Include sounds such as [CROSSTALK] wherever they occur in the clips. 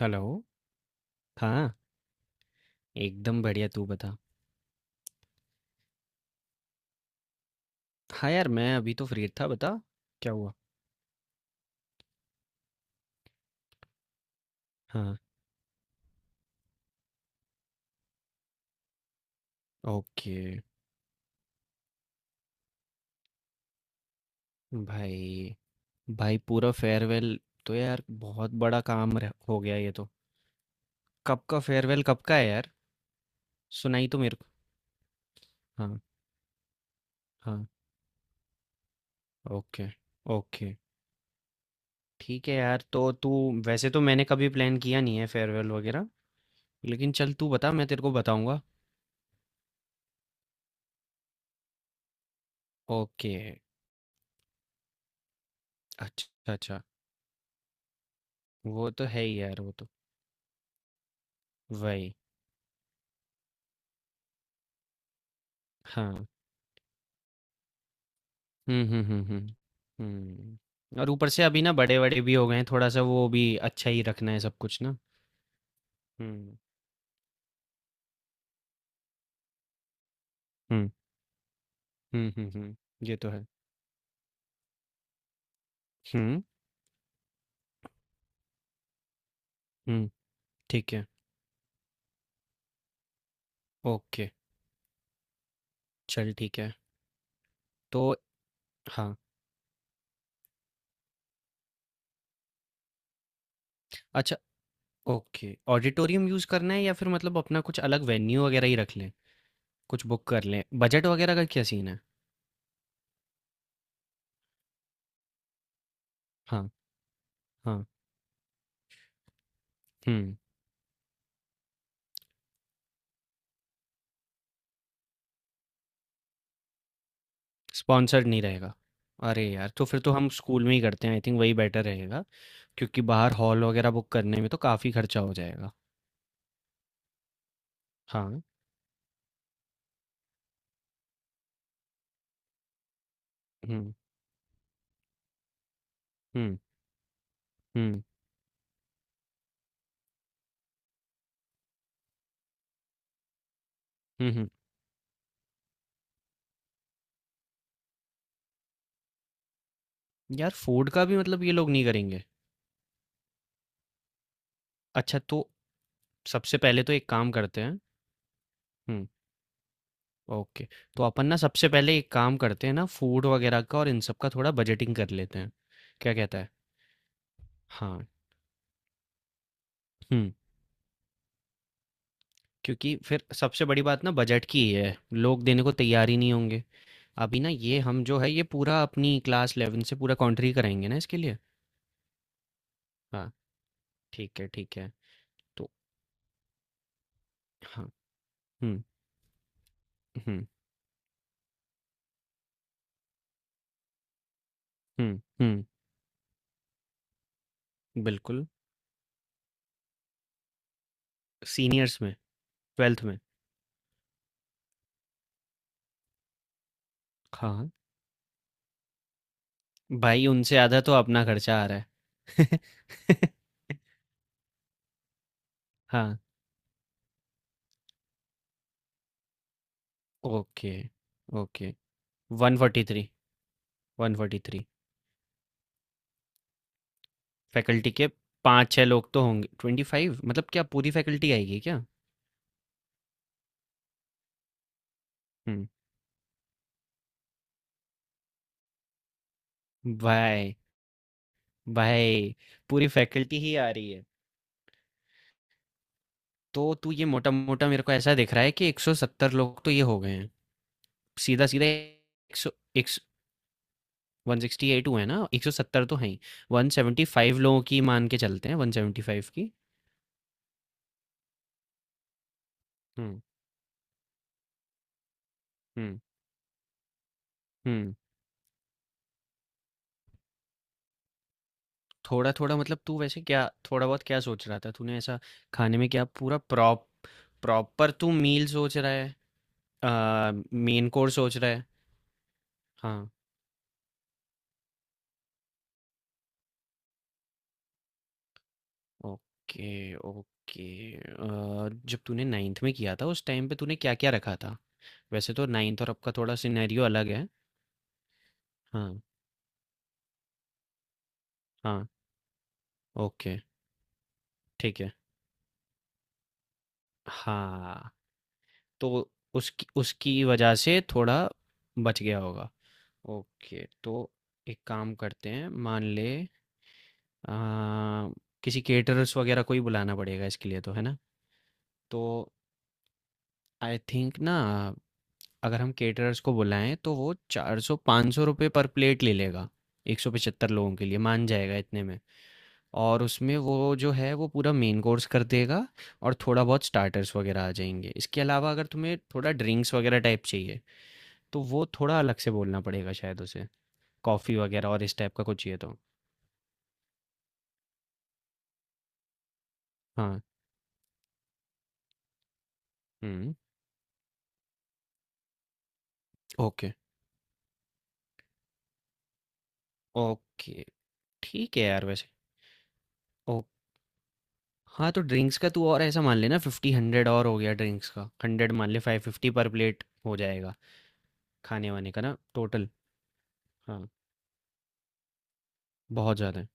Hello. हाँ, एकदम बढ़िया, तू बता। हाँ यार, मैं अभी तो फ्री था, बता, क्या हुआ? हाँ। ओके। भाई भाई, पूरा फेयरवेल, तो यार बहुत बड़ा काम हो गया ये तो। कब का फेयरवेल, कब का है यार, सुनाई तो मेरे को। हाँ। हाँ। Okay okay. ठीक है यार, तो तू, वैसे तो मैंने कभी प्लान किया नहीं है फेयरवेल वगैरह, लेकिन चल तू बता, मैं तेरे को बताऊंगा। ओके। अच्छा अच्छा। वो तो है ही यार, वो तो वही। हाँ। हुँ, हुँ, हुँ, हुँ। हुँ, और ऊपर से अभी ना बड़े-वड़े भी हो गए हैं, थोड़ा-सा वो भी अच्छा ही रखना है सब कुछ ना। हुँ, हुँ, हुँ, हुँ, हुँ, ये तो है। हुँ, हुँ, ठीक है, ओके, चल ठीक है। तो हाँ, अच्छा। ओके, ऑडिटोरियम यूज़ करना है, या फिर मतलब अपना कुछ अलग वेन्यू वगैरह ही रख लें? कुछ बुक कर लें, बजट वगैरह का क्या सीन है? हाँ, हाँ, हुँ, स्पॉन्सर्ड नहीं रहेगा। अरे यार! तो फिर तो हम स्कूल में ही करते हैं, आई थिंक वही बेटर रहेगा। क्योंकि बाहर हॉल वगैरह बुक करने में तो काफ़ी खर्चा हो जाएगा। हाँ। हुँ, हुँ, हुँ, हुँ, हुँ। यार, फूड का भी मतलब ये लोग नहीं करेंगे? अच्छा, तो सबसे पहले तो एक काम करते हैं। हुँ, ओके। तो अपन ना सबसे पहले एक काम करते हैं ना, फूड वगैरह का और इन सब का थोड़ा बजटिंग कर लेते हैं। क्या कहता है? हाँ। हुँ, क्योंकि फिर सबसे बड़ी बात ना बजट की ही है। लोग देने को तैयार ही नहीं होंगे। अभी ना ये हम जो है ये पूरा अपनी क्लास 11 से पूरा कॉन्ट्री कराएँगे ना इसके लिए। हाँ, ठीक है, ठीक है। तो हाँ। हुँ, हुँ, हुँ, हुँ, बिल्कुल। सीनियर्स में, 12th में। हाँ, भाई उनसे आधा तो अपना खर्चा आ रहा है। [LAUGHS] हाँ, ओके, ओके। 143, 143 फैकल्टी के 5-6 लोग तो होंगे, 25 मतलब, क्या पूरी फैकल्टी आएगी क्या? हुँ, भाई, भाई पूरी फैकल्टी ही आ रही है। तो तू ये मोटा-मोटा मेरे को ऐसा दिख रहा है कि 170 लोग तो ये हो गए हैं। सीधा-सीधा 100, एक सौ 168 हुए ना, 170 तो हैं ही, 175 लोगों की मान के चलते हैं, 175 की। हम्म। हम्म हम्म थोड़ा थोड़ा मतलब, तू वैसे क्या थोड़ा बहुत क्या सोच रहा था तूने ऐसा, खाने में, क्या पूरा प्रॉपर, तू मील सोच रहा है? आ, मेन कोर्स सोच रहा है? हाँ। Okay okay. जब तूने नाइन्थ में किया था उस टाइम पे तूने क्या क्या रखा था, वैसे तो नाइन्थ और अब का थोड़ा सिनेरियो अलग है। हाँ, हाँ, ओके, ठीक है। हाँ, तो उसकी उसकी वजह से थोड़ा बच गया होगा। ओके, तो एक काम करते हैं, मान ले, आ, किसी केटरर्स वगैरह को ही बुलाना पड़ेगा इसके लिए, तो है ना? तो आई थिंक ना, अगर हम केटरर्स को बुलाएं, तो वो 400-500 रुपये पर प्लेट ले लेगा, 175 लोगों के लिए मान जाएगा इतने में। और उसमें वो जो है वो पूरा मेन कोर्स कर देगा, और थोड़ा बहुत स्टार्टर्स वगैरह आ जाएंगे। इसके अलावा अगर तुम्हें थोड़ा ड्रिंक्स वगैरह टाइप चाहिए, तो वो थोड़ा अलग से बोलना पड़ेगा शायद उसे, कॉफ़ी वग़ैरह और इस टाइप का कुछ चाहिए तो। हाँ। हुँ। ओके। ओके, ठीक है यार वैसे। ओ हाँ, तो ड्रिंक्स का तू और ऐसा मान ले ना 50-100 और हो गया ड्रिंक्स का, 100 मान ले, 550 पर प्लेट हो जाएगा, खाने-वाने का ना टोटल। हाँ, बहुत ज़्यादा है।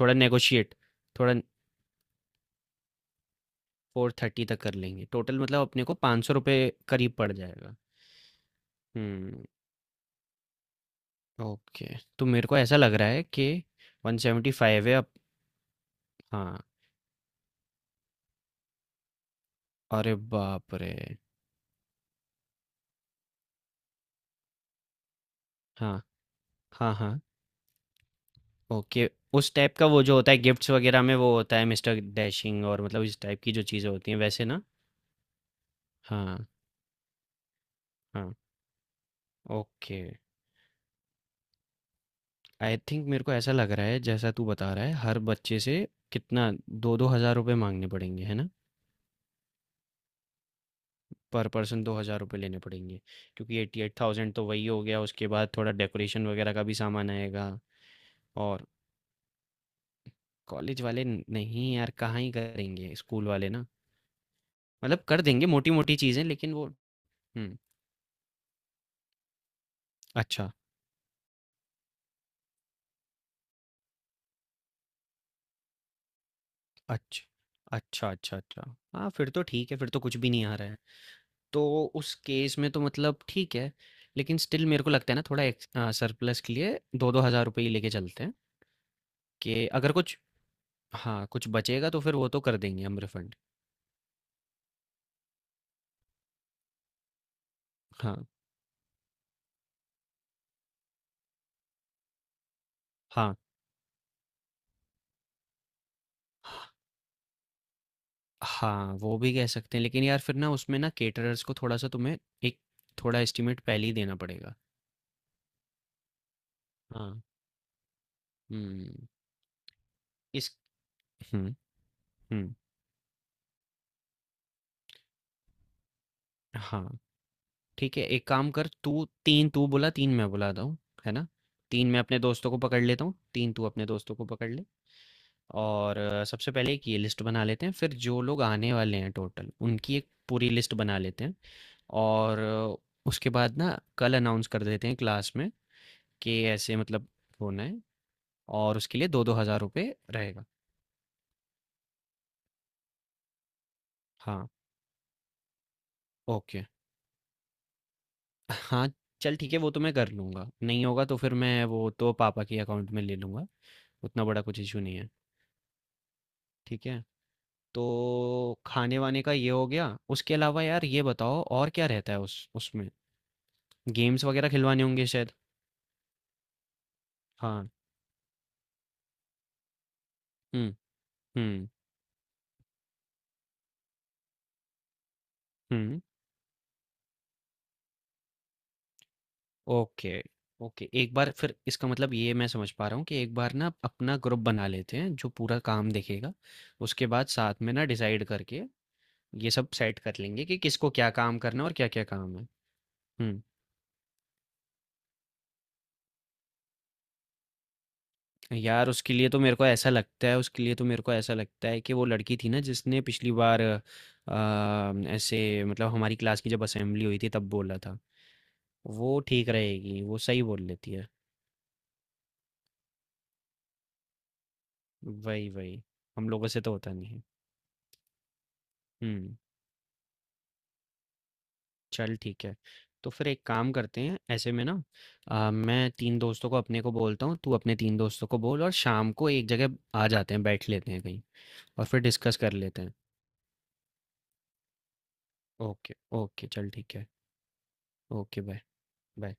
थोड़ा नेगोशिएट, थोड़ा 430 तक कर लेंगे, टोटल मतलब अपने को ₹500 करीब पड़ जाएगा। हुँ, ओके। तो मेरे को ऐसा लग रहा है कि 175 है अब। हाँ, अरे बाप रे! हाँ, हाँ, हाँ। ओके, उस टाइप का वो जो होता है गिफ्ट्स वगैरह में, वो होता है मिस्टर डैशिंग, और मतलब इस टाइप की जो चीज़ें होती हैं वैसे, ना? हाँ, हाँ। ओके, आई थिंक मेरे को ऐसा लग रहा है जैसा तू बता रहा है, हर बच्चे से कितना, 2-2 हज़ार रुपए माँगने पड़ेंगे, है ना? पर पर्सन 2 हज़ार रुपए लेने पड़ेंगे, क्योंकि 88,000 तो वही हो गया, उसके बाद थोड़ा डेकोरेशन वगैरह का भी सामान आएगा। और कॉलेज वाले, नहीं यार, कहाँ ही करेंगे, स्कूल वाले ना। मतलब कर देंगे मोटी-मोटी चीज़ें लेकिन वो। हुँ। अच्छा, अच्छ अच्छा, अच्छा, अच्छा। हाँ, फिर तो ठीक है, फिर तो कुछ भी नहीं आ रहा है। तो उस केस में तो मतलब ठीक है, लेकिन स्टिल मेरे को लगता है ना, थोड़ा सरप्लस के लिए 2-2 हज़ार रुपए ही लेके चलते हैं, कि अगर कुछ, हाँ, कुछ बचेगा तो फिर वो तो कर देंगे हम रिफंड। हाँ, हाँ। हाँ, वो भी कह सकते हैं, लेकिन यार फिर ना उसमें ना कैटरर्स को थोड़ा-सा तुम्हें, एक थोड़ा एस्टीमेट पहले ही देना पड़ेगा। हाँ। हुँ, इस हुँ, हुँ। हाँ, ठीक है, एक काम कर तू, 3 तू बोला, 3 मैं बुलाता हूँ, है ना? 3 मैं अपने दोस्तों को पकड़ लेता हूँ, 3 तू अपने दोस्तों को पकड़ ले, और सबसे पहले एक ये लिस्ट बना लेते हैं, फिर जो लोग आने वाले हैं टोटल, उनकी एक पूरी लिस्ट बना लेते हैं, और उसके बाद ना कल अनाउंस कर देते हैं क्लास में, कि ऐसे मतलब होना है, और उसके लिए 2-2 हज़ार रुपये रहेगा। हाँ, ओके। हाँ, चल ठीक है, वो तो मैं कर लूँगा, नहीं होगा तो फिर मैं वो तो पापा के अकाउंट में ले लूँगा, उतना बड़ा कुछ इश्यू नहीं है, ठीक है? तो खाने-वाने का ये हो गया, उसके अलावा यार ये बताओ और क्या रहता है उस उसमें? गेम्स वगैरह खिलवाने होंगे शायद? हाँ। हुँ, हुँ, हुँ। Okay, okay. एक बार फिर इसका मतलब ये मैं समझ पा रहा हूँ कि एक बार ना अपना ग्रुप बना लेते हैं जो पूरा काम देखेगा। उसके बाद साथ में ना डिसाइड करके ये सब सेट कर लेंगे कि किसको क्या काम करना है और क्या-क्या काम है। हुँ। यार उसके लिए तो मेरे को ऐसा लगता है उसके लिए तो मेरे को ऐसा लगता है कि वो लड़की थी ना जिसने पिछली बार, ऐसे मतलब हमारी क्लास की जब असेंबली हुई थी तब बोला था, वो ठीक रहेगी, वो सही बोल लेती है। वही वही। हम लोगों से तो होता नहीं है। हम्म, चल ठीक है, तो फिर एक काम करते हैं ऐसे में ना, मैं तीन दोस्तों को अपने को बोलता हूँ, तू अपने तीन दोस्तों को बोल, और शाम को एक जगह आ जाते हैं, बैठ लेते हैं कहीं, और फिर डिस्कस कर लेते हैं। ओके, ओके, चल ठीक है। Okay, bye. बाय।